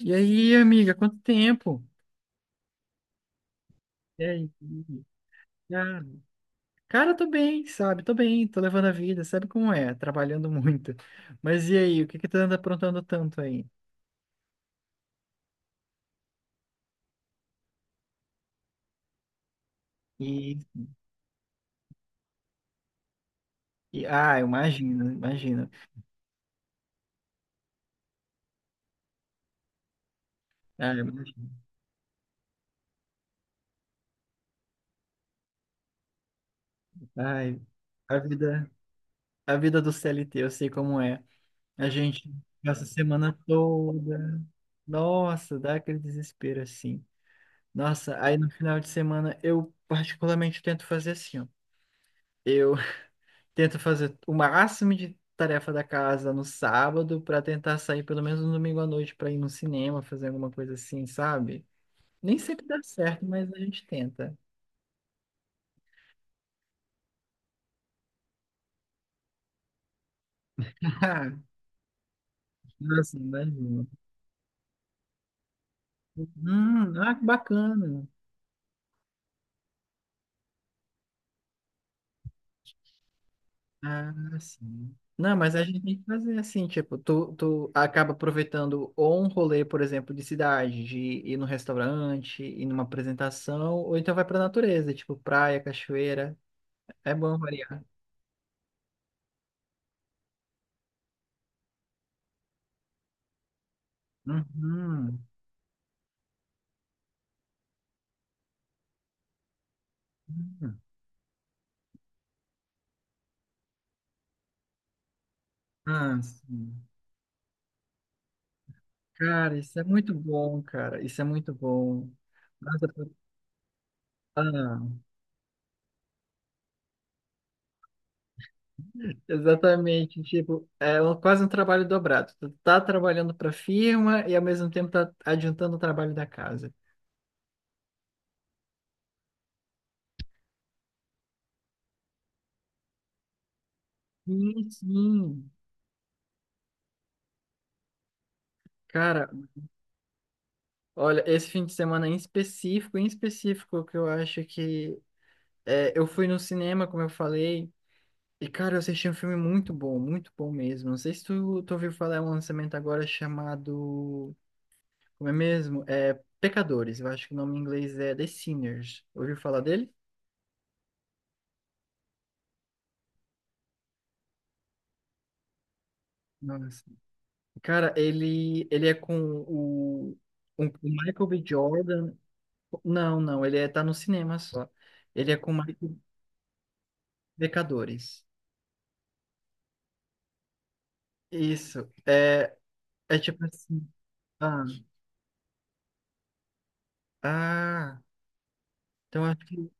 E aí, amiga, quanto tempo? E aí? Cara, tô bem, sabe? Tô bem, tô levando a vida, sabe como é? Trabalhando muito. Mas e aí, o que que tu anda aprontando tanto aí? E, eu imagino, imagino. Ah, eu imagino. Ai, a vida, a vida do CLT, eu sei como é. A gente passa a semana toda. Nossa, dá aquele desespero assim. Nossa, aí no final de semana eu particularmente tento fazer assim, ó. Eu Tento fazer o máximo de tarefa da casa no sábado para tentar sair pelo menos no domingo à noite para ir no cinema, fazer alguma coisa assim, sabe? Nem sempre dá certo, mas a gente tenta. Ah, nossa, imagina. Ah, que bacana. Ah, sim. Não, mas a gente tem que fazer assim, tipo, tu acaba aproveitando ou um rolê, por exemplo, de cidade, de ir num restaurante, ir numa apresentação, ou então vai pra natureza, tipo praia, cachoeira. É bom variar. Uhum. Ah, sim. Cara, isso é muito bom, cara. Isso é muito bom. Nossa, tu- ah, exatamente. Tipo, quase um trabalho dobrado. Tu tá trabalhando para a firma e ao mesmo tempo tá adiantando o trabalho da casa. Sim, sim. Cara, olha, esse fim de semana em específico, que eu acho que eu fui no cinema, como eu falei, e cara, eu assisti um filme muito bom mesmo. Não sei se tu ouviu falar, é um lançamento agora chamado. Como é mesmo? É Pecadores. Eu acho que o nome em inglês é The Sinners. Ouviu falar dele? Nossa. Cara, ele é com o, o Michael B. Jordan. Não, não, ele é, tá no cinema só. Ele é com o Michael Pecadores. Isso. É, é tipo assim. Ah, ah, então acho que.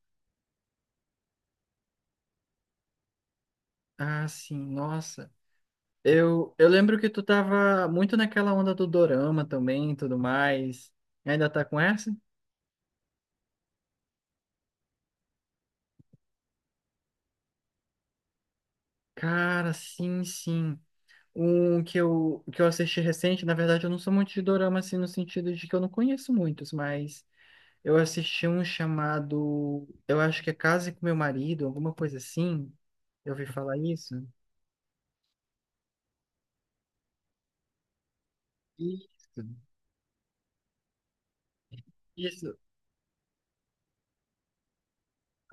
Ah, sim, nossa. Eu lembro que tu tava muito naquela onda do dorama também e tudo mais. Ainda tá com essa? Cara, sim, sim. Um que que eu assisti recente, na verdade, eu não sou muito de dorama, assim, no sentido de que eu não conheço muitos, mas eu assisti um chamado, eu acho que é Case com Meu Marido, alguma coisa assim. Eu ouvi falar isso. Isso, isso.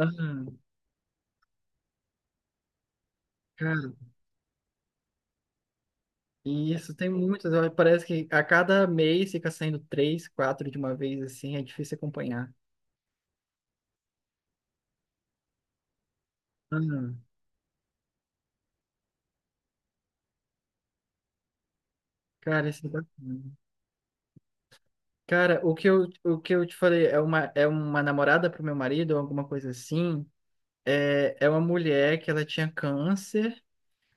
Aham, cara, e isso tem muitos. Ó, parece que a cada mês fica saindo três, quatro de uma vez, assim, é difícil acompanhar. Aham, cara, isso é bacana. Cara, o que eu te falei é uma namorada pro meu marido, ou alguma coisa assim. É, é uma mulher que ela tinha câncer.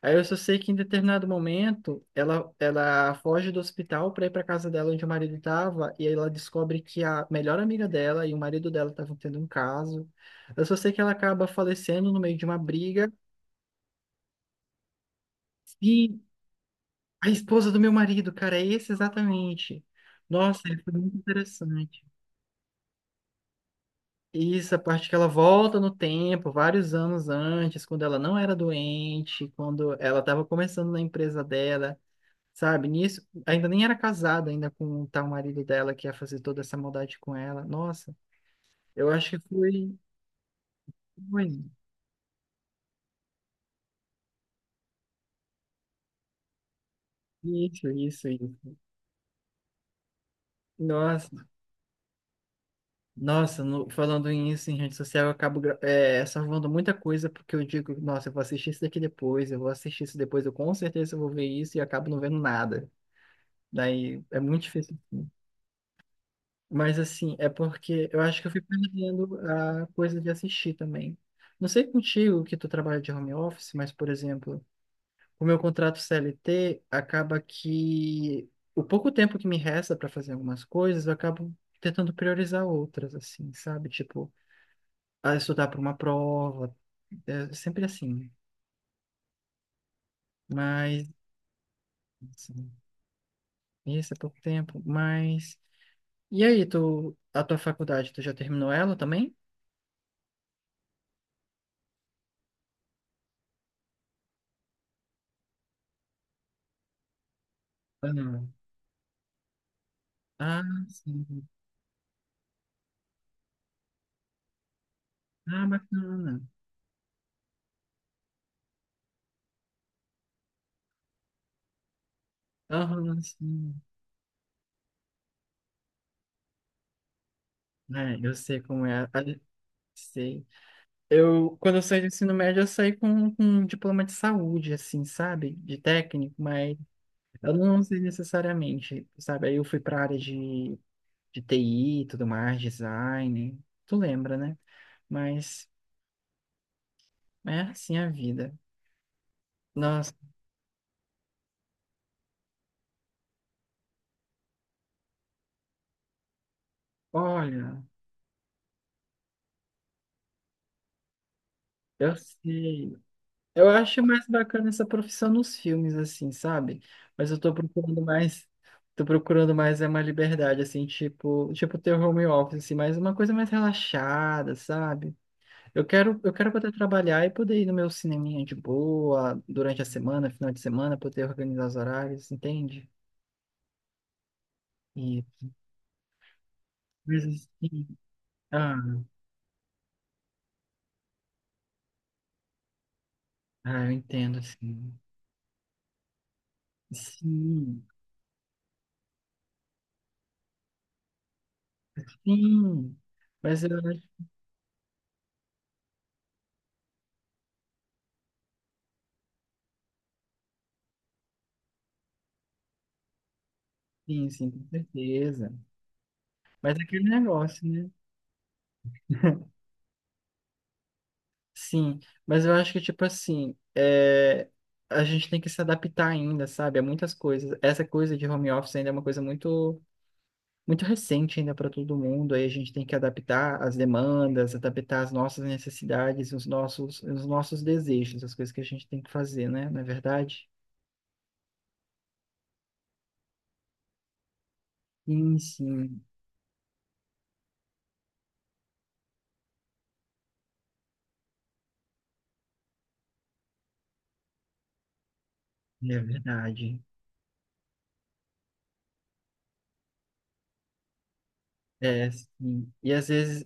Aí eu só sei que em determinado momento ela foge do hospital para ir para casa dela onde o marido estava e aí ela descobre que a melhor amiga dela e o marido dela estavam tendo um caso. Eu só sei que ela acaba falecendo no meio de uma briga. E a esposa do meu marido, cara, é esse exatamente. Nossa, ele foi muito interessante. Isso, a parte que ela volta no tempo, vários anos antes, quando ela não era doente, quando ela estava começando na empresa dela. Sabe? Nisso, ainda nem era casada ainda com o tal marido dela que ia fazer toda essa maldade com ela. Nossa, eu acho que foi, foi isso, isso, isso. Nossa, nossa, falando isso em rede social, eu acabo salvando muita coisa porque eu digo, nossa, eu vou assistir isso daqui depois, eu vou assistir isso depois, eu com certeza vou ver isso e acabo não vendo nada. Daí é muito difícil assim. Mas assim, é porque eu acho que eu fui perdendo a coisa de assistir também. Não sei contigo que tu trabalha de home office, mas, por exemplo, o meu contrato CLT acaba que o pouco tempo que me resta para fazer algumas coisas, eu acabo tentando priorizar outras, assim, sabe? Tipo, ah, estudar para uma prova, é sempre assim. Mas, assim, isso é pouco tempo, mas... E aí, a tua faculdade, tu já terminou ela também? Ah, não. Ah, sim. Ah, bacana. Aham, sim. É, eu sei como é. Sei. Eu, quando eu saí do ensino médio, eu saí com um diploma de saúde, assim, sabe? De técnico, mas eu não sei necessariamente, sabe? Aí eu fui para a área de TI e tudo mais, design. Tu lembra, né? Mas é assim a vida. Nossa, olha, eu sei. Eu acho mais bacana essa profissão nos filmes, assim, sabe? Mas eu tô procurando mais. Tô procurando mais é uma liberdade, assim, tipo ter home office, assim, mas uma coisa mais relaxada, sabe? Eu quero poder trabalhar e poder ir no meu cineminha de boa durante a semana, final de semana, poder organizar os horários, entende? E coisas assim. Ah, eu entendo, assim. Sim, sim. Mas eu acho sim, sim, com certeza. Mas é aquele negócio, né? Sim. Mas eu acho que, tipo assim, é, a gente tem que se adaptar ainda, sabe? A muitas coisas. Essa coisa de home office ainda é uma coisa muito. Muito recente ainda para todo mundo, aí a gente tem que adaptar as demandas, adaptar as nossas necessidades, os nossos desejos, as coisas que a gente tem que fazer, né? Não é verdade? Sim, sim, é verdade. É, sim. E às vezes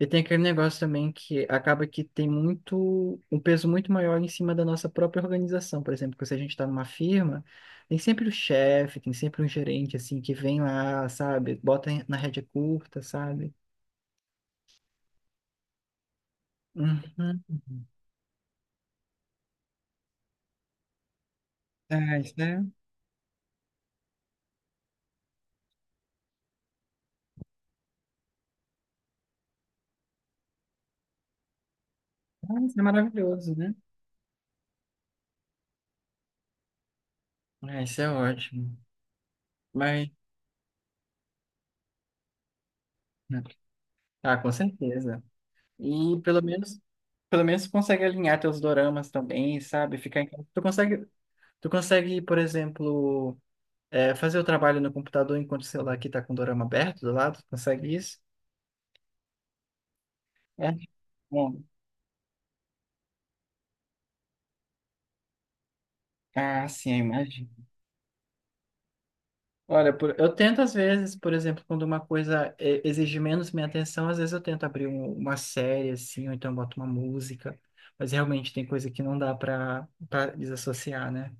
e tem aquele negócio também que acaba que tem muito, um peso muito maior em cima da nossa própria organização. Por exemplo, que se a gente está numa firma, tem sempre o chefe, tem sempre um gerente assim que vem lá, sabe? Bota na rédea curta, sabe? Uhum. Ah, isso é, ah, isso é maravilhoso, né? Ah, isso é ótimo. Mas, ah, com certeza. E pelo menos tu consegue alinhar teus doramas também, sabe? Ficar em casa. Tu consegue, por exemplo, é, fazer o trabalho no computador enquanto o celular aqui tá com o dorama aberto do lado? Tu consegue isso? É. Bom, ah, sim, imagina. Olha, eu tento às vezes, por exemplo, quando uma coisa exige menos minha atenção, às vezes eu tento abrir uma série assim, ou então boto uma música, mas realmente tem coisa que não dá para desassociar, né?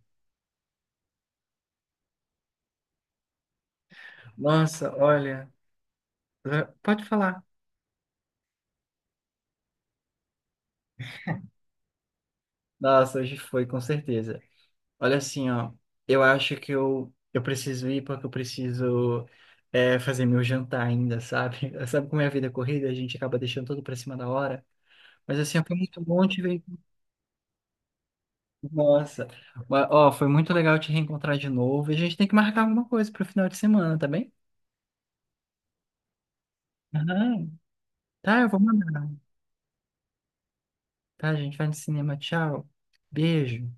Nossa, olha, pode falar. Nossa, hoje foi, com certeza. Olha assim, ó, eu acho que eu preciso ir porque eu preciso fazer meu jantar ainda, sabe? Sabe como é a vida corrida, a gente acaba deixando tudo para cima da hora. Mas assim, ó, foi muito bom te ver. Nossa. Mas, ó, foi muito legal te reencontrar de novo. E a gente tem que marcar alguma coisa pro final de semana, tá bem? Aham. Tá, eu vou mandar. Tá, a gente vai no cinema. Tchau. Beijo.